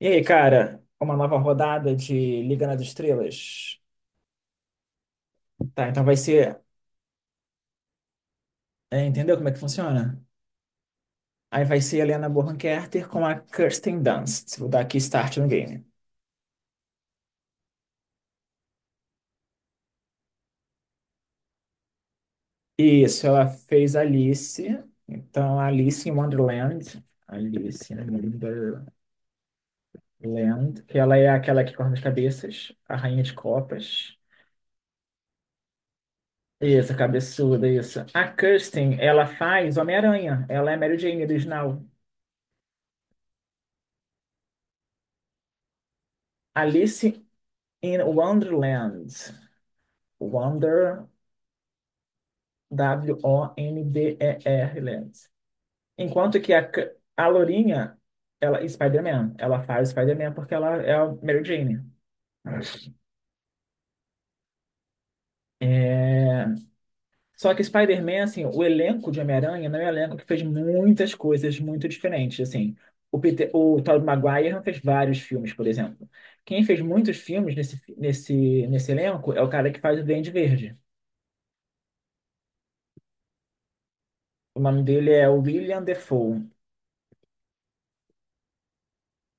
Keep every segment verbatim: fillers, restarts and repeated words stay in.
E aí, cara, uma nova rodada de Liga nas Estrelas. Tá, então vai ser. É, entendeu como é que funciona? Aí vai ser a Helena Bonham Carter com a Kirsten Dunst. Vou dar aqui start no game. Isso, ela fez Alice. Então, Alice em Wonderland. Alice em Wonderland. Que ela é aquela que corta as cabeças, a rainha de copas. Isso, cabeçuda, isso. A Kirsten, ela faz Homem-Aranha. Ela é Mary Jane original. Alice in Wonderland. Wonder, W-O-N-D-E-R, Lens. Enquanto que a, a Lourinha, ela, Spider-Man, ela faz Spider-Man porque ela é a Mary Jane. Só que Spider-Man, assim, o elenco de Homem-Aranha não é um elenco que fez muitas coisas muito diferentes, assim. O Peter, o Tobey Maguire não fez vários filmes, por exemplo. Quem fez muitos filmes nesse, nesse, nesse elenco é o cara que faz o Duende Verde. O nome dele é William Defoe.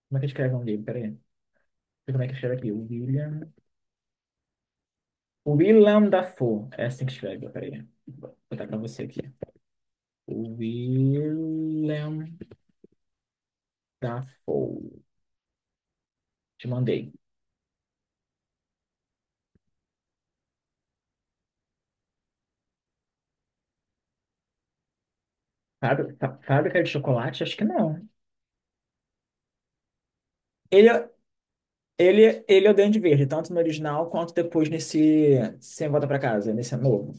Como é que escreve o nome dele? Peraí. Como é que escreve aqui? William... Willem Dafoe. É assim que escreve, peraí. Vou botar pra você aqui. Willem Dafoe. Te mandei. Fábri- Fá- Fábrica de chocolate? Acho que não. Ele, ele, ele é o Duende Verde, tanto no original quanto depois nesse Sem Volta Pra Casa, nesse novo.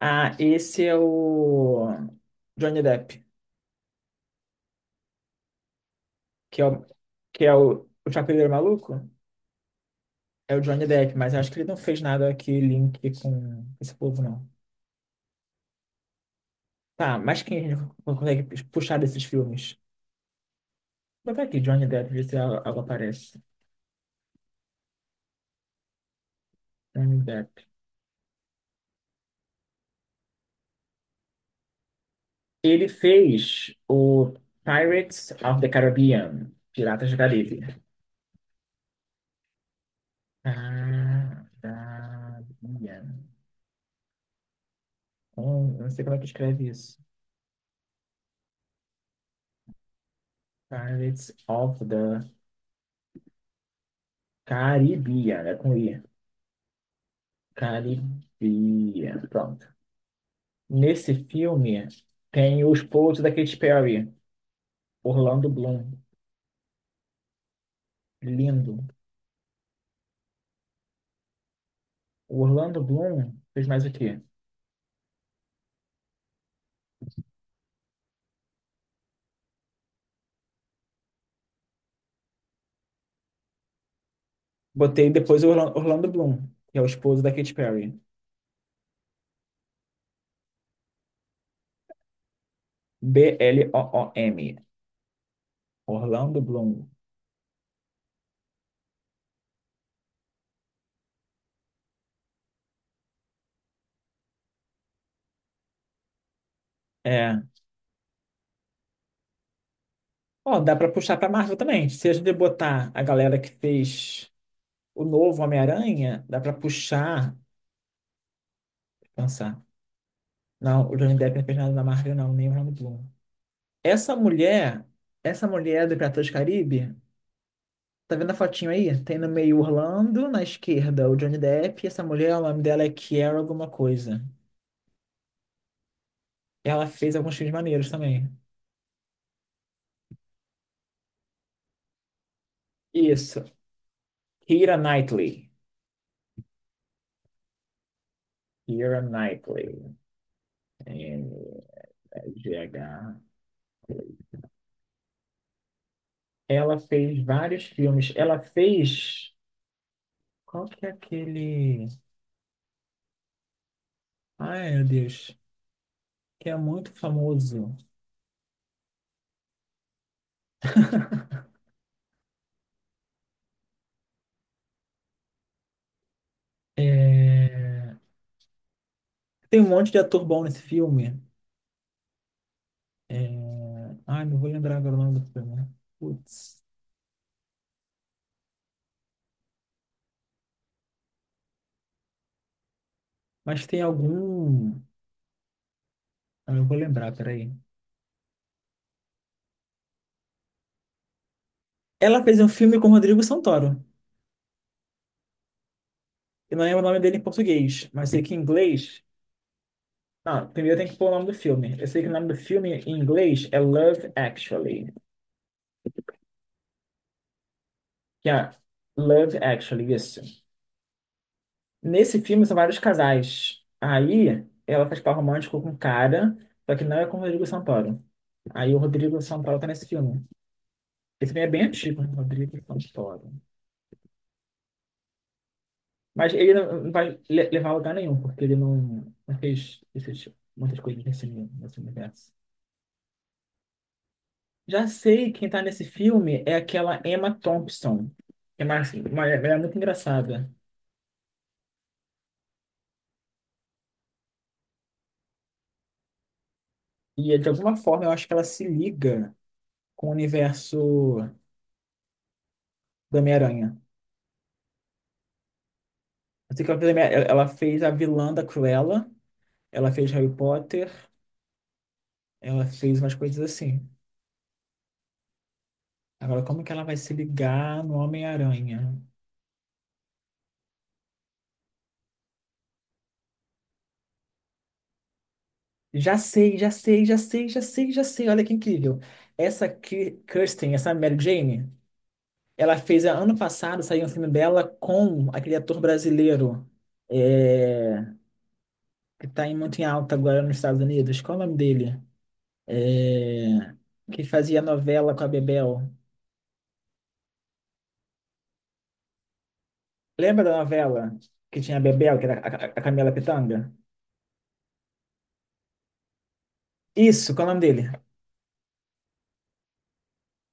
Ah, esse é o Johnny Depp, que é o, que é o, o Chapeleiro Maluco. É o Johnny Depp, mas eu acho que ele não fez nada que link com esse povo, não. Tá, mas quem a gente consegue puxar desses filmes? Bota aqui, Johnny Depp, ver se algo algo aparece. Johnny Depp. Ele fez o Pirates of the Caribbean, Piratas do Caribe. Caribbean. Hum, eu não sei como é que escreve isso. Pirates of the Caribbean, é com I. Caribbean, pronto. Nesse filme tem o esposo da Katy Perry, Orlando Bloom. Lindo. O Orlando Bloom fez mais o quê? Botei depois o Orla- Orlando Bloom, que é o esposo da Katy Perry. B-L-O-O-M. Orlando Bloom. É. Ó, dá pra puxar pra Marvel também. Se a gente botar a galera que fez o novo Homem-Aranha, dá pra puxar. Deixa eu pensar. Não, o Johnny Depp não fez nada na Marvel, não, nem o Orlando Bloom. Essa mulher, essa mulher do Piratas do Caribe, tá vendo a fotinho aí? Tem no meio Orlando, na esquerda o Johnny Depp, e essa mulher, o nome dela é Kiera alguma coisa. Ela fez alguns filmes maneiros também. Isso. Keira Knightley. Keira Knightley. N-G-H. Ela fez vários filmes. Ela fez. Qual que é aquele. Ai, meu Deus. Que é muito famoso. É, tem um monte de ator bom nesse filme. É... Ai, não vou lembrar agora o nome do filme, né? Putz. Mas tem algum. Ah, eu vou lembrar, peraí. Ela fez um filme com Rodrigo Santoro. Eu não lembro o nome dele em português, mas sei que em inglês. Ah, primeiro tem que pôr o nome do filme. Eu sei que o nome do filme em inglês é Love Actually. Que é Love Actually, isso. Nesse filme são vários casais. Aí ela faz par romântico com um cara, só que não é com o Rodrigo Santoro. Aí o Rodrigo Santoro tá nesse filme. Esse filme é bem antigo, né? Rodrigo Santoro. Mas ele não não vai le- levar a lugar nenhum, porque ele não, não fez esses- muitas coisas nesse, nesse universo. Já sei quem tá nesse filme é aquela Emma Thompson. Que é mais, uma, ela é muito engraçada. E é, de alguma forma eu acho que ela se liga com o universo do Homem-Aranha. Eu sei que ela fez, a minha- ela fez a vilã da Cruella, ela fez Harry Potter, ela fez umas coisas assim. Agora, como que ela vai se ligar no Homem-Aranha? Já sei, já sei, já sei, já sei, já sei. Olha que incrível. Essa Ki- Kirsten, essa Mary Jane. Ela fez, ano passado, saiu um filme dela com aquele ator brasileiro, é, que está muito em alta agora nos Estados Unidos. Qual é o nome dele? É, que fazia novela com a Bebel. Lembra da novela que tinha a Bebel, que era a, a- a Camila Pitanga? Isso, qual é o nome dele?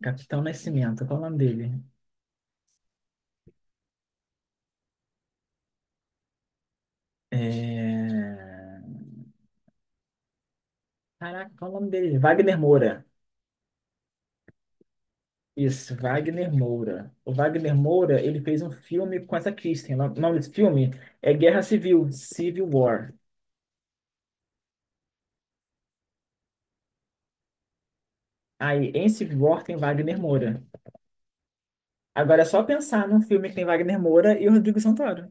Capitão Nascimento, qual é o nome dele? É... Caraca, qual é o nome dele? Wagner Moura. Isso, Wagner Moura. O Wagner Moura, ele fez um filme com essa Kristen. O nome desse filme é Guerra Civil, Civil War. Aí, em Civil War tem Wagner Moura. Agora é só pensar num filme que tem Wagner Moura e o Rodrigo Santoro.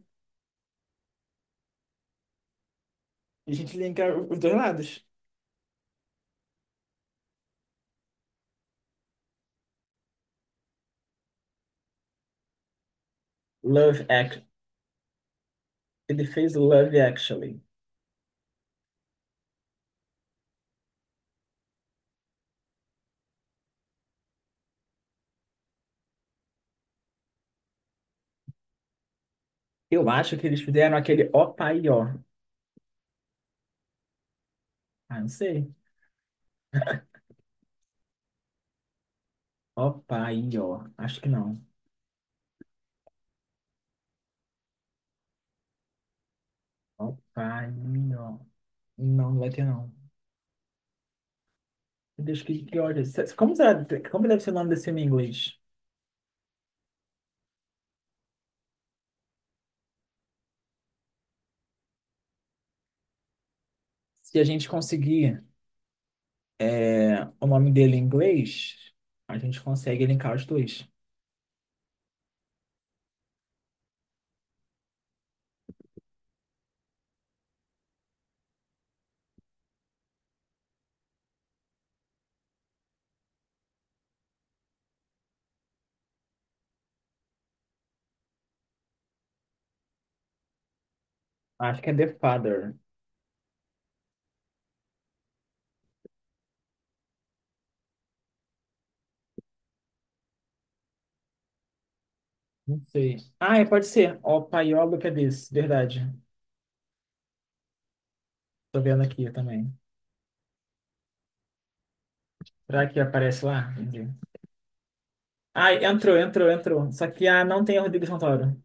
E a gente linka os dois lados. Love Act. Ele fez Love Actually. Eu acho que eles fizeram aquele Ó Pai Ó. Ah, não sei. Ó Pai Ó. Acho que não. Ó Pai Ó. Não, não vai ter não. Meu Deus, que, que ódio. Se- Como, será, como deve ser o nome desse filme em inglês? Se a gente conseguir é, o nome dele em inglês, a gente consegue linkar os dois. Acho que é The Father. Não sei. Ah, é, pode ser. O Paiolo que é desse, verdade. Tô vendo aqui também. Será que aparece lá? Entendi. Ah, entrou, entrou, entrou. Só que ah, não tem o Rodrigo Santoro.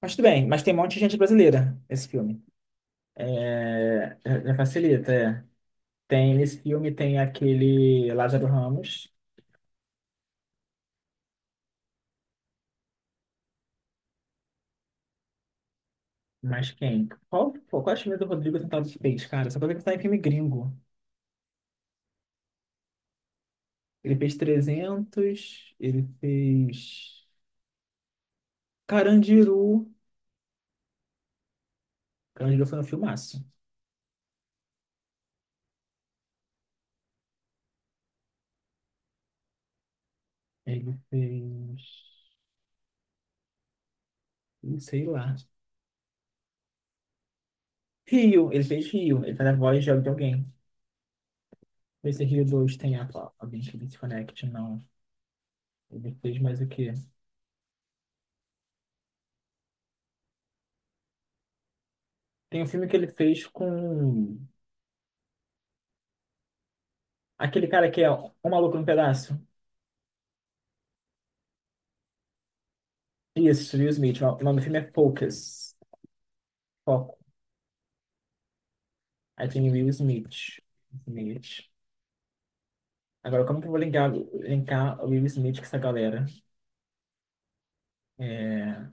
Mas tudo bem, mas tem um monte de gente brasileira esse filme. É, já já facilita, é. Tem nesse filme tem aquele Lázaro Ramos, mas quem? Qual, pô, quais filmes do Rodrigo Santoro que fez, cara? Só pra ver que tá em filme gringo. Ele fez trezentos, ele fez Carandiru. Carandiru foi um filmaço. Ele fez, não sei lá. Rio, ele fez Rio, ele faz a voz de alguém. Vê se Rio dois tem a- alguém que se conecte, não. Ele fez mais o quê? Tem um filme que ele fez com aquele cara que é O Maluco no Pedaço. Isso, Will Smith. O nome do filme é Focus. Foco. Aí tem Will Smith. Smith. Agora, como que eu vou linkar, linkar o Will Smith com essa galera? É...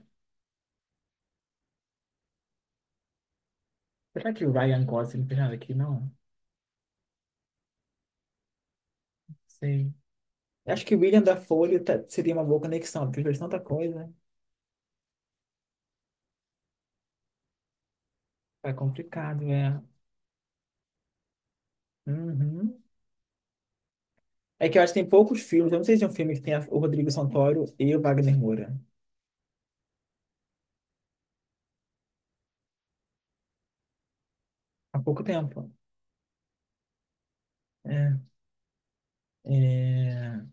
Será que o Ryan Gosling não tem nada aqui? Não. Não sei. Eu acho que o William da Folha tá- seria uma boa conexão, porque ele fez tanta coisa. Tá complicado, né? Uhum. É que eu acho que tem poucos filmes. Eu não sei se é um filme que tem a- o Rodrigo Santoro e o Wagner Moura. Há pouco tempo. É. É...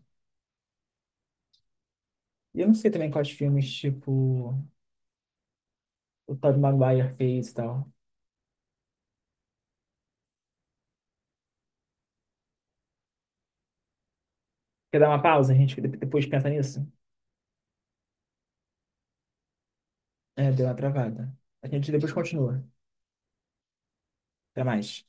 E eu não sei também quais filmes, tipo, o Tobey Maguire fez e tal. Quer dar uma pausa? A gente depois pensa nisso? É, deu uma travada. A gente depois continua. Até mais.